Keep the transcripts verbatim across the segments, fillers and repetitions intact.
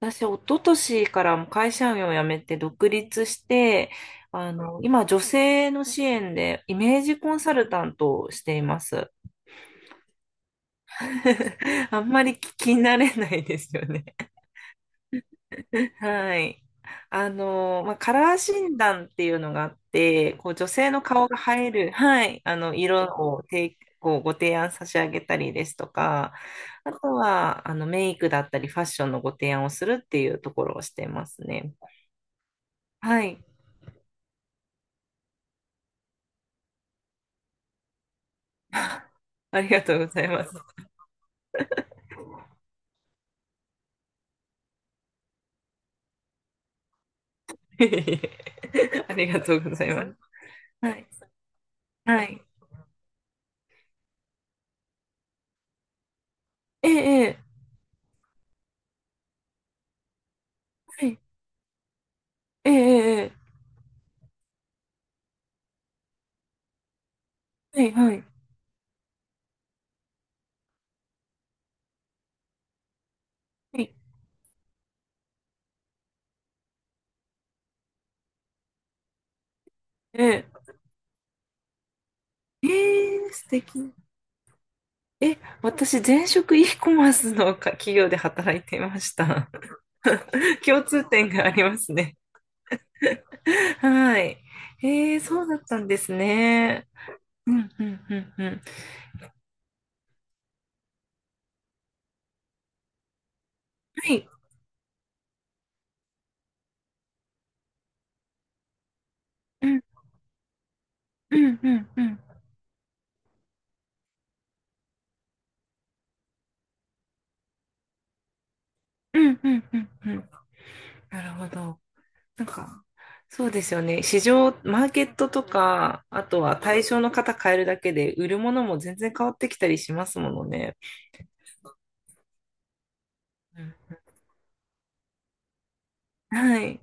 私、一昨年からもう会社員を辞めて独立して、あの、今、女性の支援でイメージコンサルタントをしています。あんまり聞き慣れないですよね。はい。あの、まあ、カラー診断っていうのがあって、こう女性の顔が映える、はい、あの、色を提こうご提案差し上げたりですとか、あとは、あの、メイクだったりファッションのご提案をするっていうところをしてますね。はい。ありがとうございます。ありがとうございます。はい。はい。ええ、ええ、ええ、ええ、ええ、はい、はい。はい。ええ、ええ素敵。え、私、前職 e コマースのか企業で働いていました。共通点がありますね。はい。ええ、そうだったんですね。うん、うん、うん、うん。はい。うん、うん、うん、うん、うん、うん、うん。うん。なるほど。なんか、そうですよね。市場、マーケットとか、あとは対象の方変えるだけで、売るものも全然変わってきたりしますものね。うん、はい。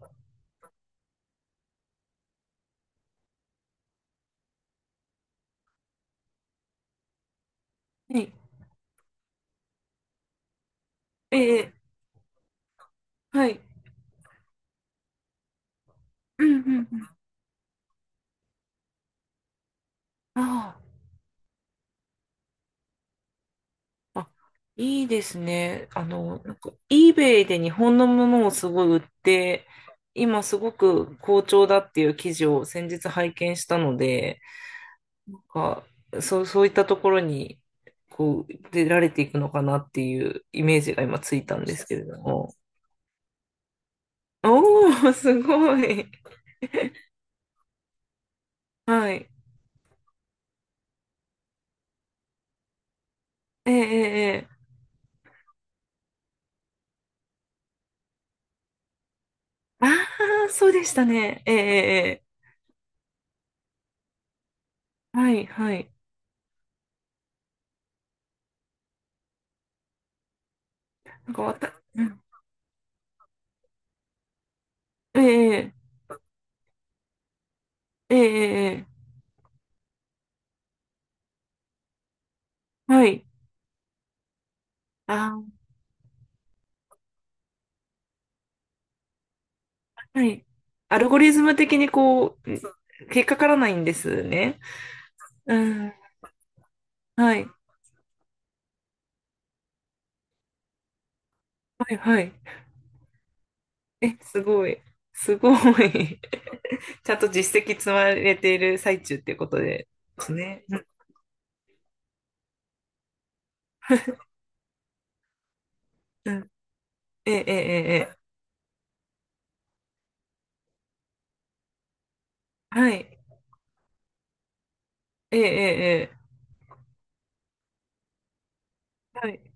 はい。ええ、はい。うん、うん、うん。ああ、あ、いいですね。あの、なんか、eBay で日本のものをすごい売って、今すごく好調だっていう記事を先日拝見したので、なんか、そう、そういったところに、こう、出られていくのかなっていうイメージが今ついたんですけれども。おー、すごい。はい。ええ、ええ、ええ。ああー、そうでしたね。ええ、ええ、ええ、はい、はい。なんかわた、うん。ええ、ええ、ええ、ええ、はい。ああ、はい。アルゴリズム的にこう、そう引っかからないんですね。うん、はい、はい、はい。え、すごい。すごい。ちゃんと実績積まれている最中っていうことでですね。うん、うん。ええ、ええ、ええ、はい。ええ、ええ、ええ、はい。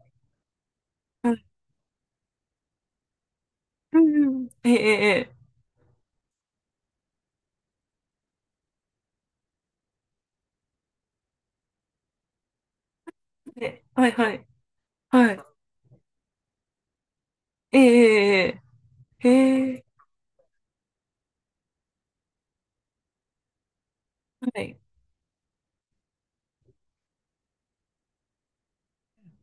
うん、うん。ええ、ええ、ええ、はい、はい、はい。ええ、ええ、ええ、へえ、はい。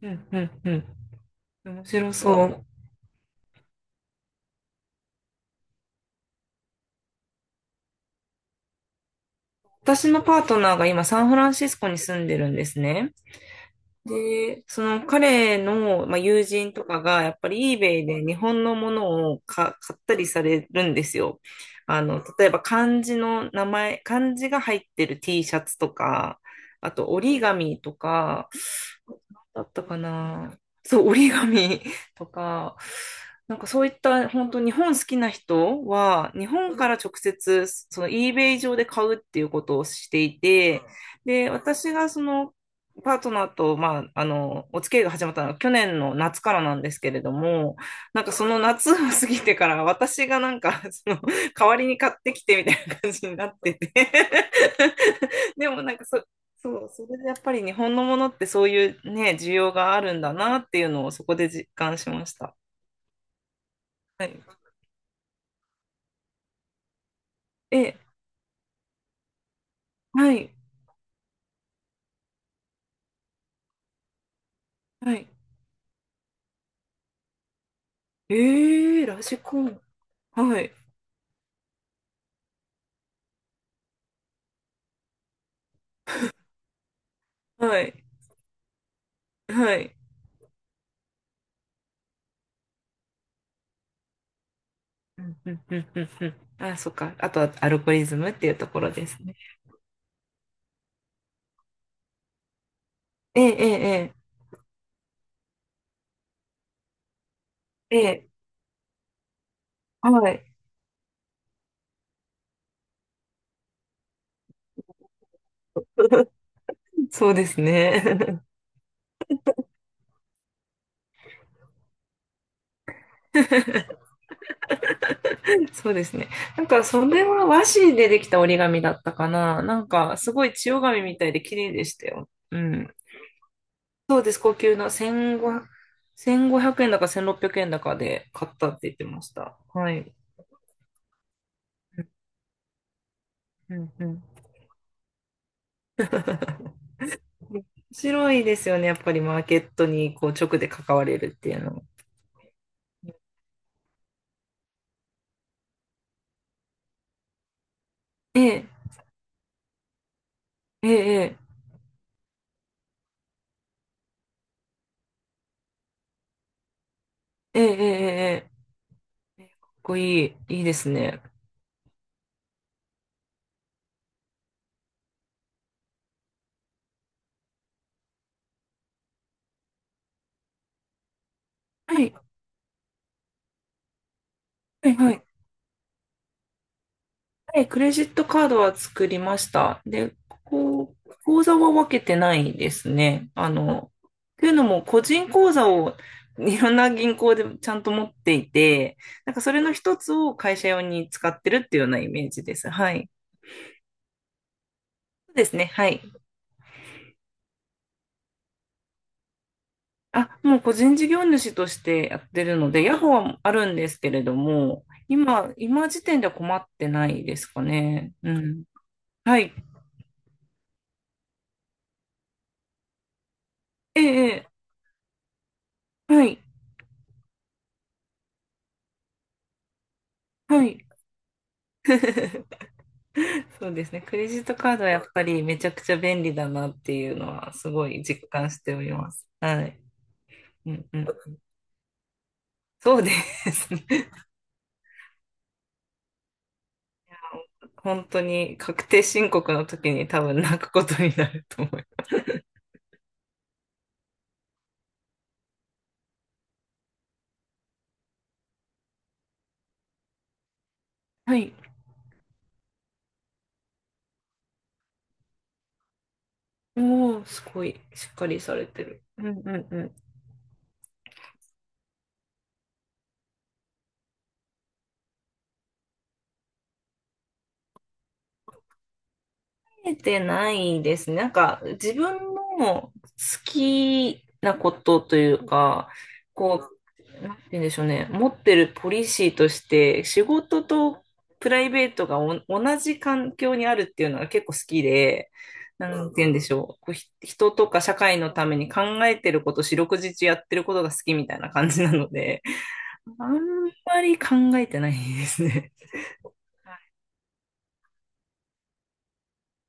うん、うん、うん。面白そう。私のパートナーが今サンフランシスコに住んでるんですね。で、その彼の、まあ、友人とかがやっぱり eBay で日本のものをか買ったりされるんですよ。あの、例えば漢字の名前、漢字が入ってる T シャツとか、あと折り紙とか、だったかな。そう、折り紙 とか、なんかそういった本当日本好きな人は、日本から直接その eBay 上で買うっていうことをしていて、で、私がそのパートナーと、まあ、あの、お付き合いが始まったのは去年の夏からなんですけれども、なんかその夏を過ぎてから私がなんか、その、代わりに買ってきてみたいな感じになってて でもなんかそ、そう、それでやっぱり日本のものってそういうね、需要があるんだなっていうのをそこで実感しました。はい。え、はい、はい。えー、ラジコン。はい、はい、はい。うん、うん、うん、うん、うん。あ、そっか。あとはアルゴリズムっていうところですね。ええ、ええ、ええ、はい。そうですね。そうですね。なんか、それは和紙でできた折り紙だったかな。なんか、すごい千代紙みたいで綺麗でしたよ。うん。そうです、高級なせんごひゃく、いち ごえんだかせんろっぴゃくえんだかで買ったって言ってました。はい。うん、うん、うん。面白いですよね、やっぱりマーケットにこう直で関われるっていうの。ええ、ええ、ええ、ええ、ええ、ええ。かっこいい、いいですね。はい、はい、はい。はい、クレジットカードは作りました。で、こう、口座は分けてないですね。あの、というのも、個人口座をいろんな銀行でちゃんと持っていて、なんかそれの一つを会社用に使ってるっていうようなイメージです。はい。そうですね。はい。あ、もう個人事業主としてやってるので、ヤホーはあるんですけれども、今、今時点では困ってないですかね。うん。はい。ええ、ええ、はい。はい。そうですね。クレジットカードはやっぱりめちゃくちゃ便利だなっていうのはすごい実感しております。はい。うん、うん。そうですね。本当に確定申告の時に多分泣くことになると思います。はい。おー、すごいしっかりされてる。うん、うん、うん。えてないですね。なんか、自分の好きなことというか、こう、なんて言うんでしょうね。持ってるポリシーとして、仕事とプライベートがお同じ環境にあるっていうのが結構好きで、なんて言うんでしょう。こう、ひ人とか社会のために考えてること、四六時中やってることが好きみたいな感じなので、あんまり考えてないですね。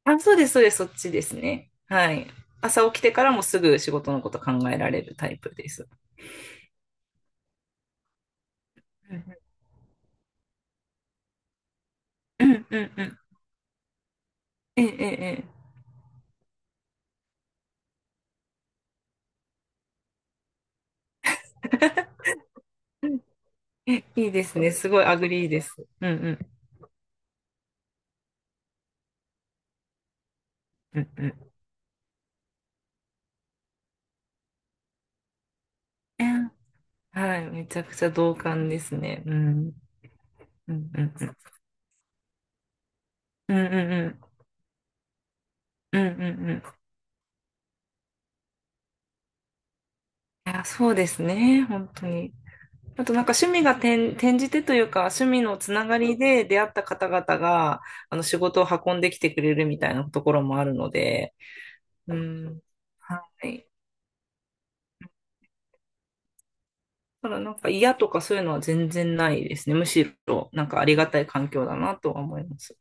あ、そうです、そうです、そっちですね。はい。朝起きてからもすぐ仕事のこと考えられるタイプです。うん、うん、うん、うん。ええ、ええ、うん、え、いいですね。すごいアグリーです。うん、うん、うん、うん。え、はい。めちゃくちゃ同感ですね。うん。うん、うん、うん。うん、うん、うん。うん、うん、うん。いや、そうですね。本当に。あとなんか趣味が転、転じてというか、趣味のつながりで出会った方々が、あの仕事を運んできてくれるみたいなところもあるので、うん。はい。ただなんか嫌とかそういうのは全然ないですね。むしろなんかありがたい環境だなとは思います。